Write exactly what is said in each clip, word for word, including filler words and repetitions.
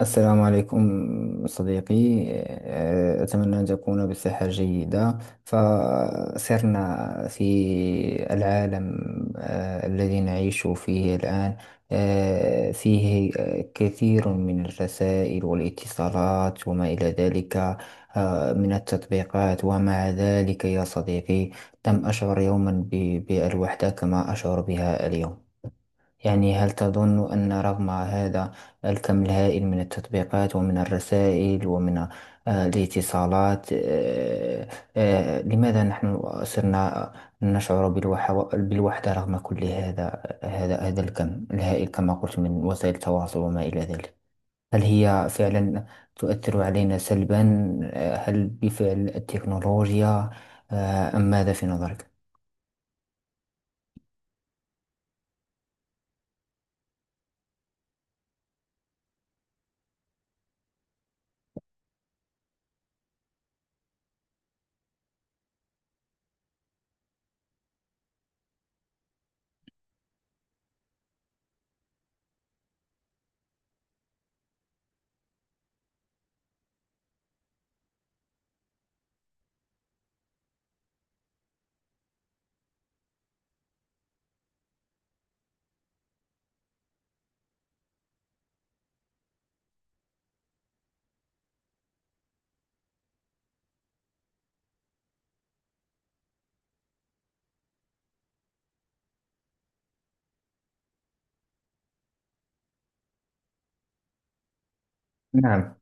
السلام عليكم صديقي. أه، أتمنى أن تكون بصحة جيدة. فسرنا في العالم أه، الذي نعيش فيه الآن، أه، فيه أه، كثير من الرسائل والاتصالات وما إلى ذلك، أه، من التطبيقات. ومع ذلك يا صديقي، لم أشعر يوما ب- بالوحدة كما أشعر بها اليوم. يعني هل تظن أن رغم هذا الكم الهائل من التطبيقات ومن الرسائل ومن آه، الاتصالات، آه، آه، لماذا نحن صرنا آه، نشعر بالوح- بالوحدة رغم كل هذا هذا هذا الكم الهائل كما قلت من وسائل التواصل وما إلى ذلك؟ هل هي فعلا تؤثر علينا سلبا؟ آه، هل بفعل التكنولوجيا آه، أم ماذا في نظرك؟ نعم،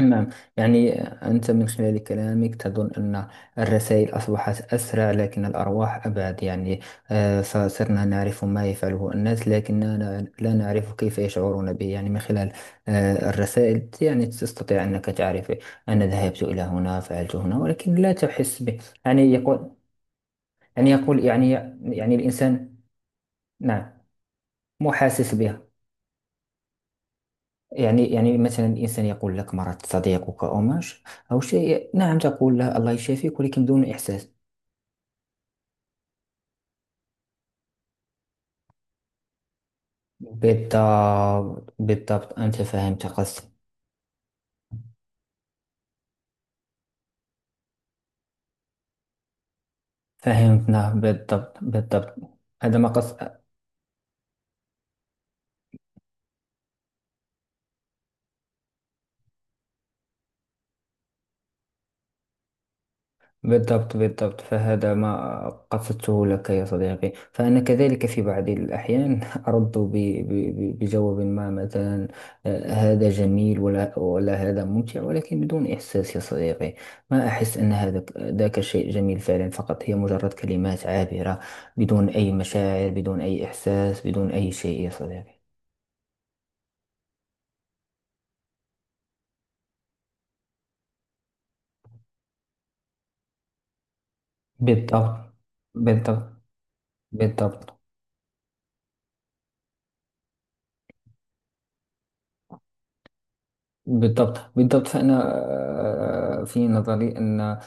نعم، يعني أنت من خلال كلامك تظن أن الرسائل أصبحت أسرع، لكن الأرواح أبعد. يعني آه، فصرنا نعرف ما يفعله الناس، لكننا لا نعرف كيف يشعرون به. يعني من خلال آه، الرسائل يعني تستطيع أنك تعرف، أنا ذهبت إلى هنا، فعلت هنا، ولكن لا تحس به. يعني يقول يعني يقول يعني يعني الإنسان. نعم، مو حاسس بها. يعني يعني مثلا الإنسان يقول لك: مرض صديقك أو ما ش- أو شيء، نعم، تقول له: الله يشافيك، ولكن بدون إحساس. بالضبط، بالضبط، أنت فهمت قصدي. فهمتنا. بالضبط، بالضبط، هذا ما قصد. بالضبط، بالضبط، فهذا ما قصدته لك يا صديقي. فأنا كذلك في بعض الأحيان أرد ب- ب- ب- بجواب ما، مثلا آه، هذا جميل، ولا ولا هذا ممتع، ولكن بدون إحساس يا صديقي. ما أحس أن هذا ذاك شيء جميل فعلا، فقط هي مجرد كلمات عابرة، بدون أي مشاعر، بدون أي إحساس، بدون أي شيء يا صديقي. بالضبط، بالضبط، بالضبط، بالضبط، بالضبط، فأنا آه، في نظري أن آه،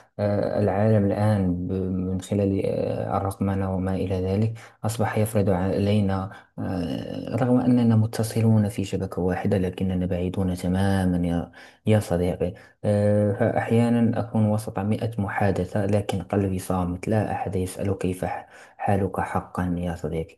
العالم الآن ب- من خلال آه، الرقمنة وما إلى ذلك، أصبح يفرض علينا، آه، رغم أننا متصلون في شبكة واحدة، لكننا بعيدون تماما، يا يا صديقي. آه، فأحيانا أكون وسط مئة محادثة، لكن قلبي صامت، لا أحد يسأل: كيف ح- حالك حقا، يا صديقي؟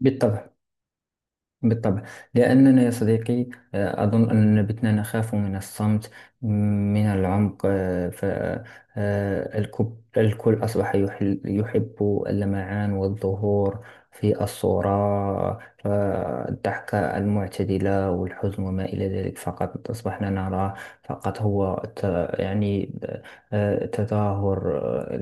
بالطبع، بالطبع، لأننا يا صديقي، آه، أظن أننا بتنا نخاف من الصمت، م- من العمق. فالكل أصبح يحل- يحب اللمعان والظهور في الصورة. فالضحكة المعتدلة والحزن وما إلى ذلك فقط أصبحنا نرى، فقط هو ت- يعني آه، تظاهر، آه،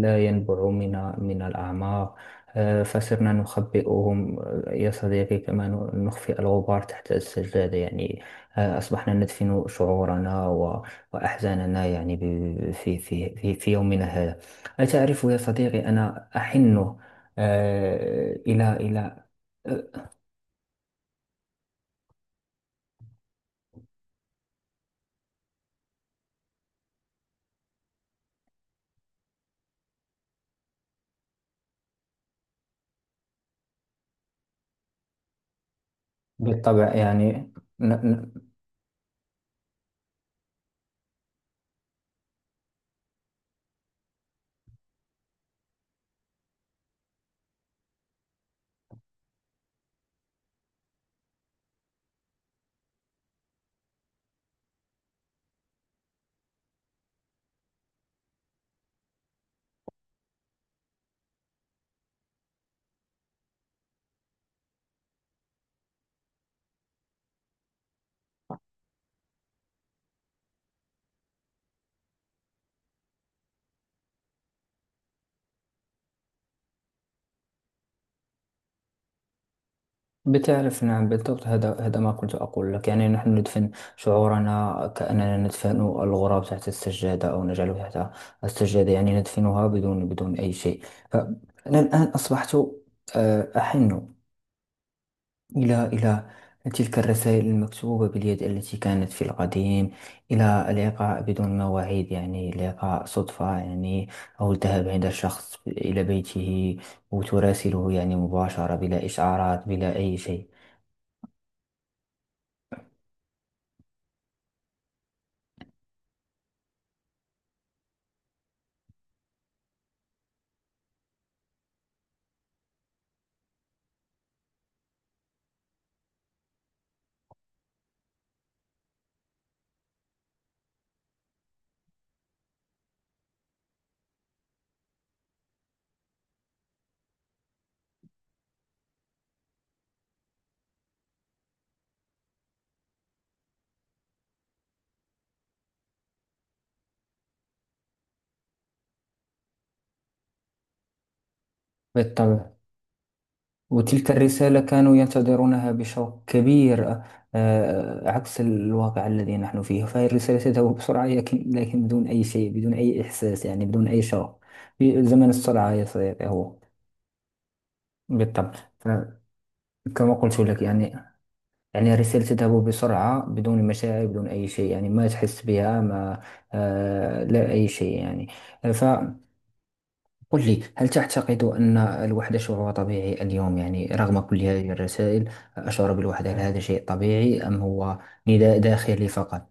لا ينبع من من الأعماق. آه، فصرنا نخبئهم يا صديقي، كما ن- نخفي الغبار تحت السجادة. يعني آه، أصبحنا ندفن شعورنا و- وأحزاننا، يعني ب- في في في في يومنا هذا. أتعرف يا صديقي؟ أنا أحن آه، إلى إلى آه، بالطبع. يعني ن- ن- بتعرف، نعم، بالضبط، هذا هذا ما كنت أقول لك. يعني نحن ندفن شعورنا، كأننا ندفن الغراب تحت السجادة، أو نجعله تحت السجادة، يعني ندفنها بدون بدون أي شيء. فأنا الآن أصبحت آه، أحن إلى إلى تلك الرسائل المكتوبة باليد التي كانت في القديم، إلى اللقاء بدون مواعيد، يعني لقاء صدفة، يعني، أو الذهاب عند الشخص إلى بيته، وتراسله يعني مباشرة، بلا إشعارات، بلا أي شيء. بالطبع. وتلك الرسالة كانوا ينتظرونها بشوق كبير. آه، آه، عكس الواقع الذي نحن فيه، فهي الرسالة تذهب بسرعة، لكن لكن بدون أي شيء، بدون أي إحساس، يعني بدون أي شوق، في زمن السرعة يا صديقي، هو. بالطبع. فكما قلت لك، يعني، يعني الرسالة تذهب بسرعة، بدون مشاعر، بدون أي شيء، يعني ما تحس بها، ما آه لا أي شيء، يعني. قل لي: هل تعتقد أن الوحدة شعور طبيعي اليوم؟ يعني رغم كل هذه الرسائل أشعر بالوحدة، هل هذا شيء طبيعي أم هو نداء داخلي فقط؟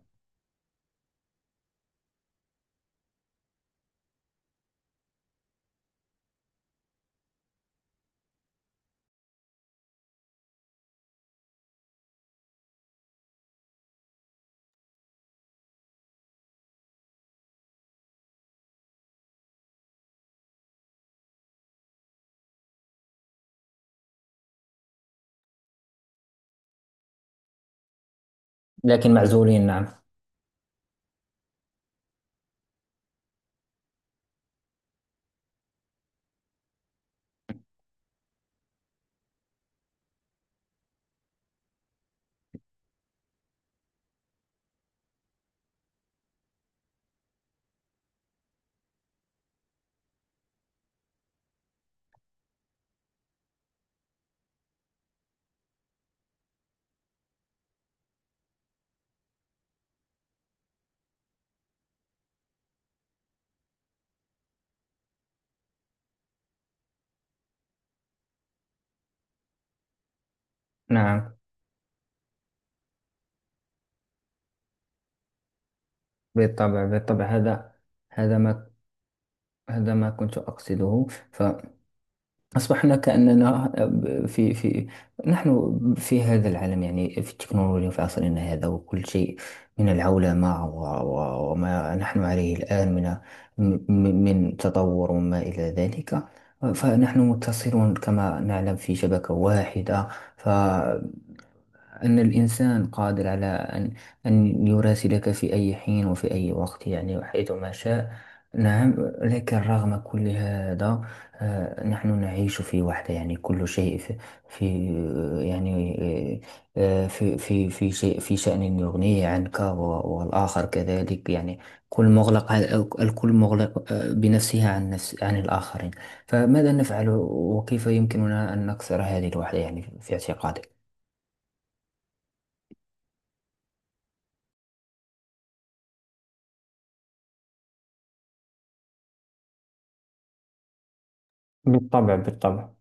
لكن معزولين، نعم. نعم، بالطبع، بالطبع، هذا هذا ما هذا ما كنت أقصده. أصبحنا كأننا آه، في في نحن في هذا العالم، يعني في التكنولوجيا، في عصرنا هذا، وكل شيء من العولمة و- و- وما نحن عليه الآن من من من تطور وما إلى ذلك. فنحن متصلون كما نعلم في شبكة واحدة. أن الإنسان قادر على أن أن يراسلك في أي حين وفي أي وقت، يعني وحيثما شاء. نعم. لكن رغم كل هذا، آه، نحن نعيش في وحدة، يعني كل شيء في, في يعني آه، في في في شيء، في شأن يغنيه عنك، و- والآخر كذلك، يعني كل مغلق على- الكل مغلق آه، بنفسه، عن نفس عن الآخرين. فماذا نفعل؟ وكيف يمكننا أن نكسر هذه الوحدة، يعني، في اعتقادك؟ بالطبع، بالطبع.